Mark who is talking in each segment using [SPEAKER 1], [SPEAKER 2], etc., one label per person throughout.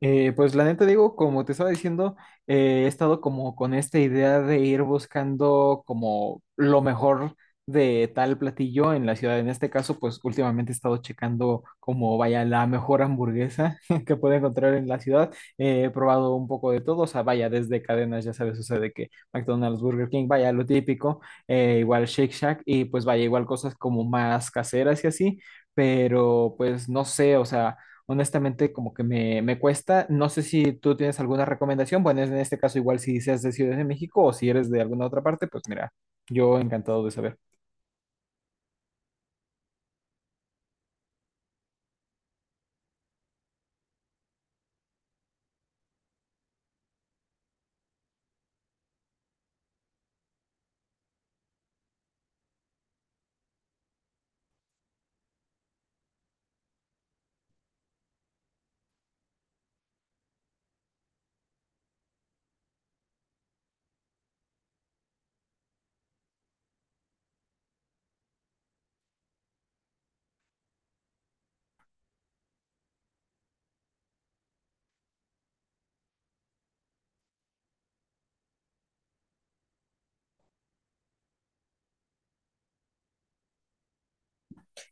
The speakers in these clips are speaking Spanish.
[SPEAKER 1] Pues la neta digo, como te estaba diciendo, he estado como con esta idea de ir buscando como lo mejor de tal platillo en la ciudad. En este caso, pues últimamente he estado checando como vaya la mejor hamburguesa que puedo encontrar en la ciudad. He probado un poco de todo, o sea, vaya desde cadenas, ya sabes, o sea, de que McDonald's, Burger King, vaya lo típico, igual Shake Shack y pues vaya igual cosas como más caseras y así, pero pues no sé, o sea honestamente como que me cuesta. No sé si tú tienes alguna recomendación. Bueno, en este caso igual si seas de Ciudad de México o si eres de alguna otra parte, pues mira, yo encantado de saber.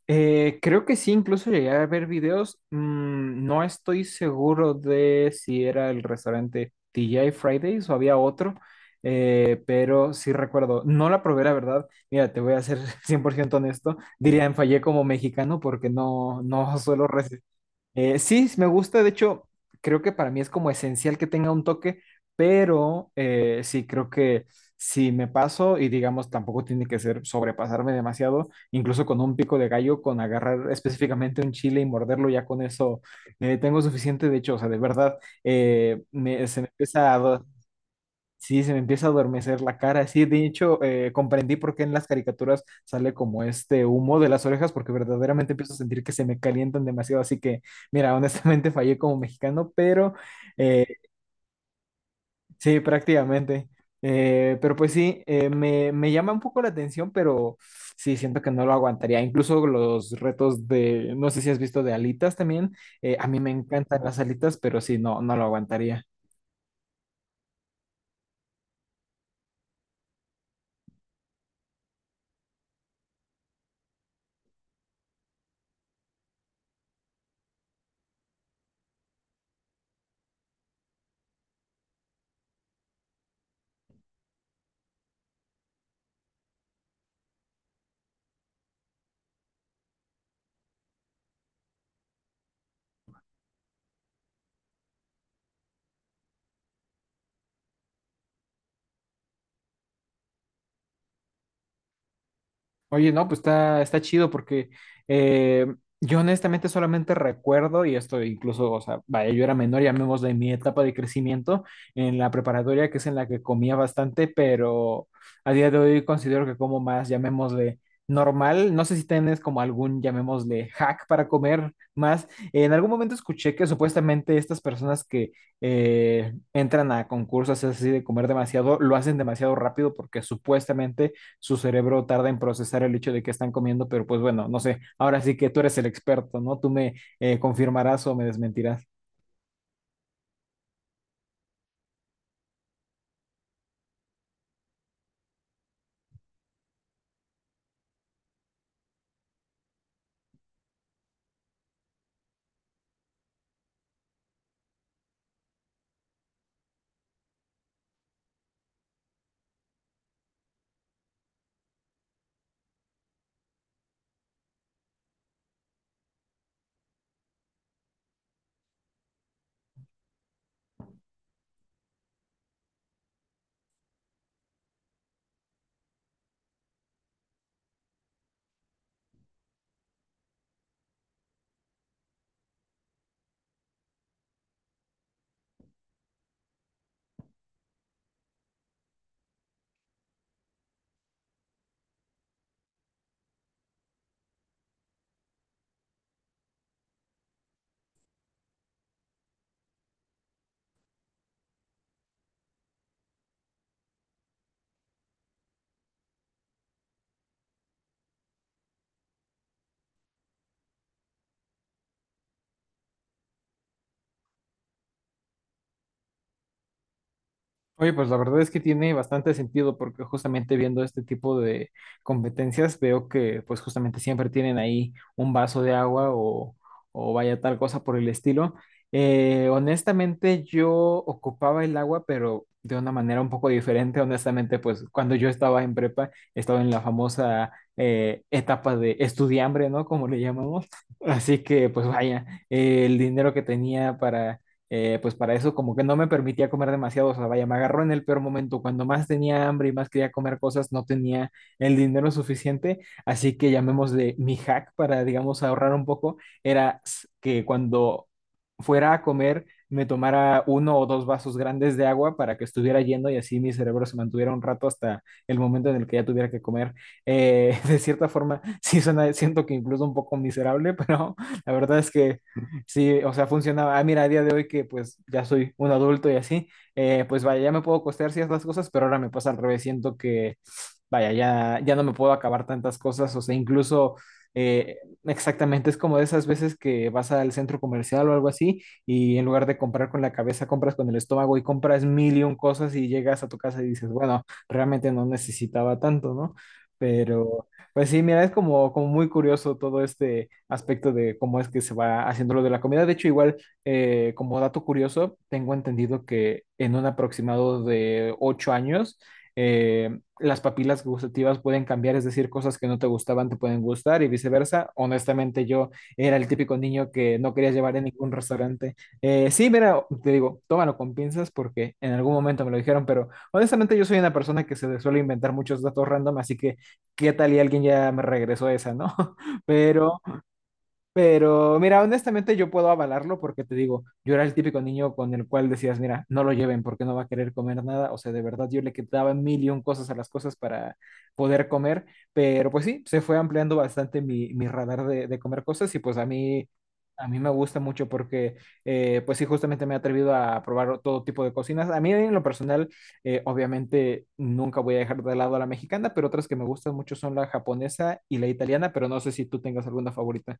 [SPEAKER 1] Creo que sí, incluso llegué a ver videos. No estoy seguro de si era el restaurante TGI Fridays o había otro. Pero sí recuerdo, no la probé, la verdad. Mira, te voy a ser 100% honesto. Dirían, fallé como mexicano porque no, no suelo sí, me gusta, de hecho, creo que para mí es como esencial que tenga un toque, pero sí, creo que si me paso y digamos, tampoco tiene que ser sobrepasarme demasiado, incluso con un pico de gallo, con agarrar específicamente un chile y morderlo, ya con eso tengo suficiente, de hecho, o sea, de verdad, se me empieza a, sí, se me empieza a adormecer la cara. Sí, de hecho, comprendí por qué en las caricaturas sale como este humo de las orejas, porque verdaderamente empiezo a sentir que se me calientan demasiado. Así que, mira, honestamente fallé como mexicano, pero eh, sí, prácticamente. Pero pues sí, me llama un poco la atención, pero sí, siento que no lo aguantaría. Incluso los retos de, no sé si has visto de alitas también. A mí me encantan las alitas, pero sí, no, no lo aguantaría. Oye, no, pues está, está chido porque eh, yo honestamente solamente recuerdo, y esto incluso, o sea, vaya, yo era menor, llamémosle mi etapa de crecimiento en la preparatoria, que es en la que comía bastante, pero a día de hoy considero que como más, llamémosle normal. No sé si tienes como algún, llamémosle hack para comer más. En algún momento escuché que supuestamente estas personas que entran a concursos así de comer demasiado, lo hacen demasiado rápido porque supuestamente su cerebro tarda en procesar el hecho de que están comiendo, pero pues bueno, no sé, ahora sí que tú eres el experto, ¿no? Tú me confirmarás o me desmentirás. Oye, pues la verdad es que tiene bastante sentido porque justamente viendo este tipo de competencias veo que pues justamente siempre tienen ahí un vaso de agua o vaya tal cosa por el estilo. Honestamente yo ocupaba el agua pero de una manera un poco diferente. Honestamente pues cuando yo estaba en prepa estaba en la famosa etapa de estudiambre, ¿no? Como le llamamos. Así que pues vaya, el dinero que tenía para pues para eso como que no me permitía comer demasiado, o sea, vaya, me agarró en el peor momento, cuando más tenía hambre y más quería comer cosas, no tenía el dinero suficiente, así que llamémosle mi hack para, digamos, ahorrar un poco, era que cuando fuera a comer me tomara uno o dos vasos grandes de agua para que estuviera lleno y así mi cerebro se mantuviera un rato hasta el momento en el que ya tuviera que comer. De cierta forma, sí suena, siento que incluso un poco miserable, pero la verdad es que sí, o sea, funcionaba. Ah, mira, a día de hoy que pues ya soy un adulto y así, pues vaya, ya me puedo costear ciertas cosas, pero ahora me pasa al revés. Siento que, vaya, ya no me puedo acabar tantas cosas. O sea, incluso eh, exactamente es como de esas veces que vas al centro comercial o algo así y en lugar de comprar con la cabeza, compras con el estómago y compras mil y un cosas y llegas a tu casa y dices, bueno, realmente no necesitaba tanto, ¿no? Pues sí, mira, es como, como muy curioso todo este aspecto de cómo es que se va haciendo lo de la comida. De hecho, igual, como dato curioso, tengo entendido que en un aproximado de ocho años, las papilas gustativas pueden cambiar, es decir, cosas que no te gustaban te pueden gustar y viceversa. Honestamente, yo era el típico niño que no quería llevar en ningún restaurante. Sí, mira, te digo, tómalo con pinzas porque en algún momento me lo dijeron, pero honestamente yo soy una persona que se suele inventar muchos datos random, así que qué tal y alguien ya me regresó esa, ¿no? Pero pero mira, honestamente yo puedo avalarlo porque te digo, yo era el típico niño con el cual decías, mira, no lo lleven porque no va a querer comer nada. O sea, de verdad yo le quitaba mil y un cosas a las cosas para poder comer. Pero pues sí, se fue ampliando bastante mi radar de comer cosas y pues a mí me gusta mucho porque pues sí, justamente me he atrevido a probar todo tipo de cocinas. A mí en lo personal, obviamente nunca voy a dejar de lado a la mexicana, pero otras que me gustan mucho son la japonesa y la italiana, pero no sé si tú tengas alguna favorita.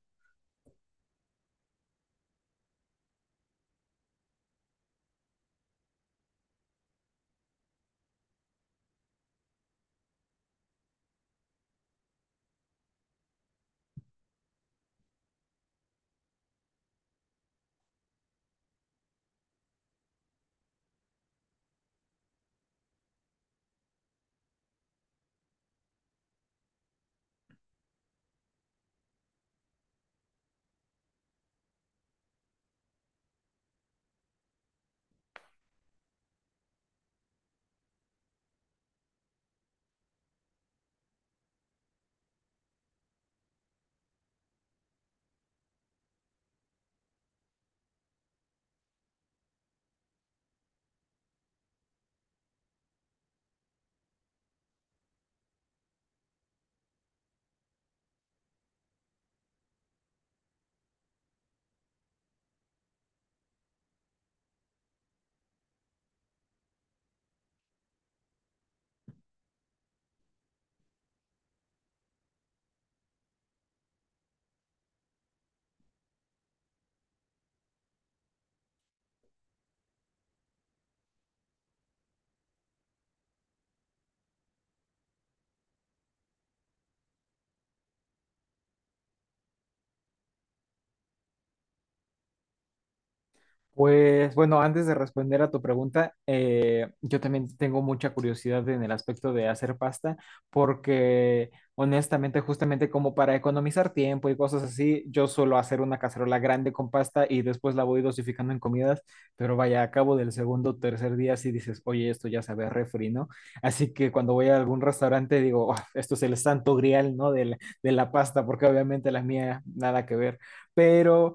[SPEAKER 1] Pues bueno, antes de responder a tu pregunta, yo también tengo mucha curiosidad en el aspecto de hacer pasta, porque honestamente, justamente como para economizar tiempo y cosas así, yo suelo hacer una cacerola grande con pasta y después la voy dosificando en comidas, pero vaya, a cabo del segundo o tercer día sí dices, oye, esto ya sabe a refri, ¿no? Así que cuando voy a algún restaurante digo, "Oh, esto es el santo grial, ¿no? De la pasta, porque obviamente la mía nada que ver, pero...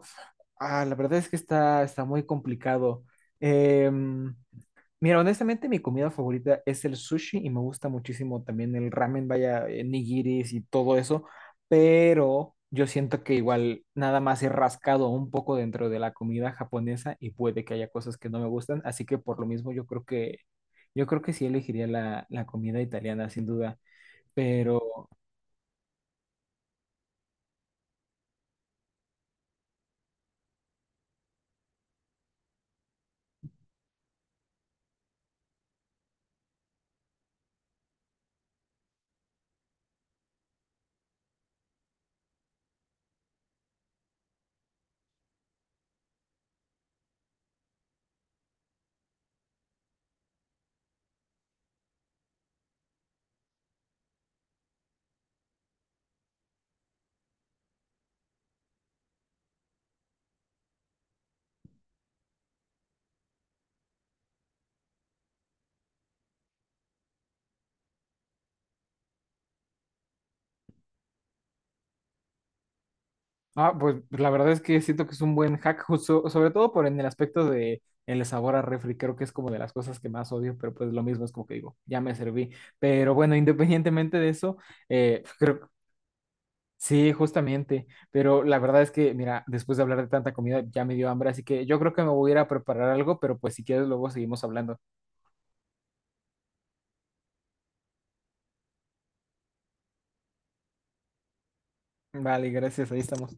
[SPEAKER 1] Ah, la verdad es que está, está muy complicado. Em, Mira, honestamente, mi comida favorita es el sushi y me gusta muchísimo también el ramen, vaya, nigiris y todo eso, pero yo siento que igual nada más he rascado un poco dentro de la comida japonesa y puede que haya cosas que no me gustan, así que por lo mismo yo creo que sí elegiría la comida italiana, sin duda, pero ah, pues la verdad es que siento que es un buen hack, justo- sobre todo por en el aspecto de el sabor a refri, creo que es como de las cosas que más odio, pero pues lo mismo es como que digo, ya me serví. Pero bueno, independientemente de eso, creo, sí, justamente, pero la verdad es que, mira, después de hablar de tanta comida ya me dio hambre, así que yo creo que me voy a ir a preparar algo, pero pues si quieres luego seguimos hablando. Vale, gracias, ahí estamos.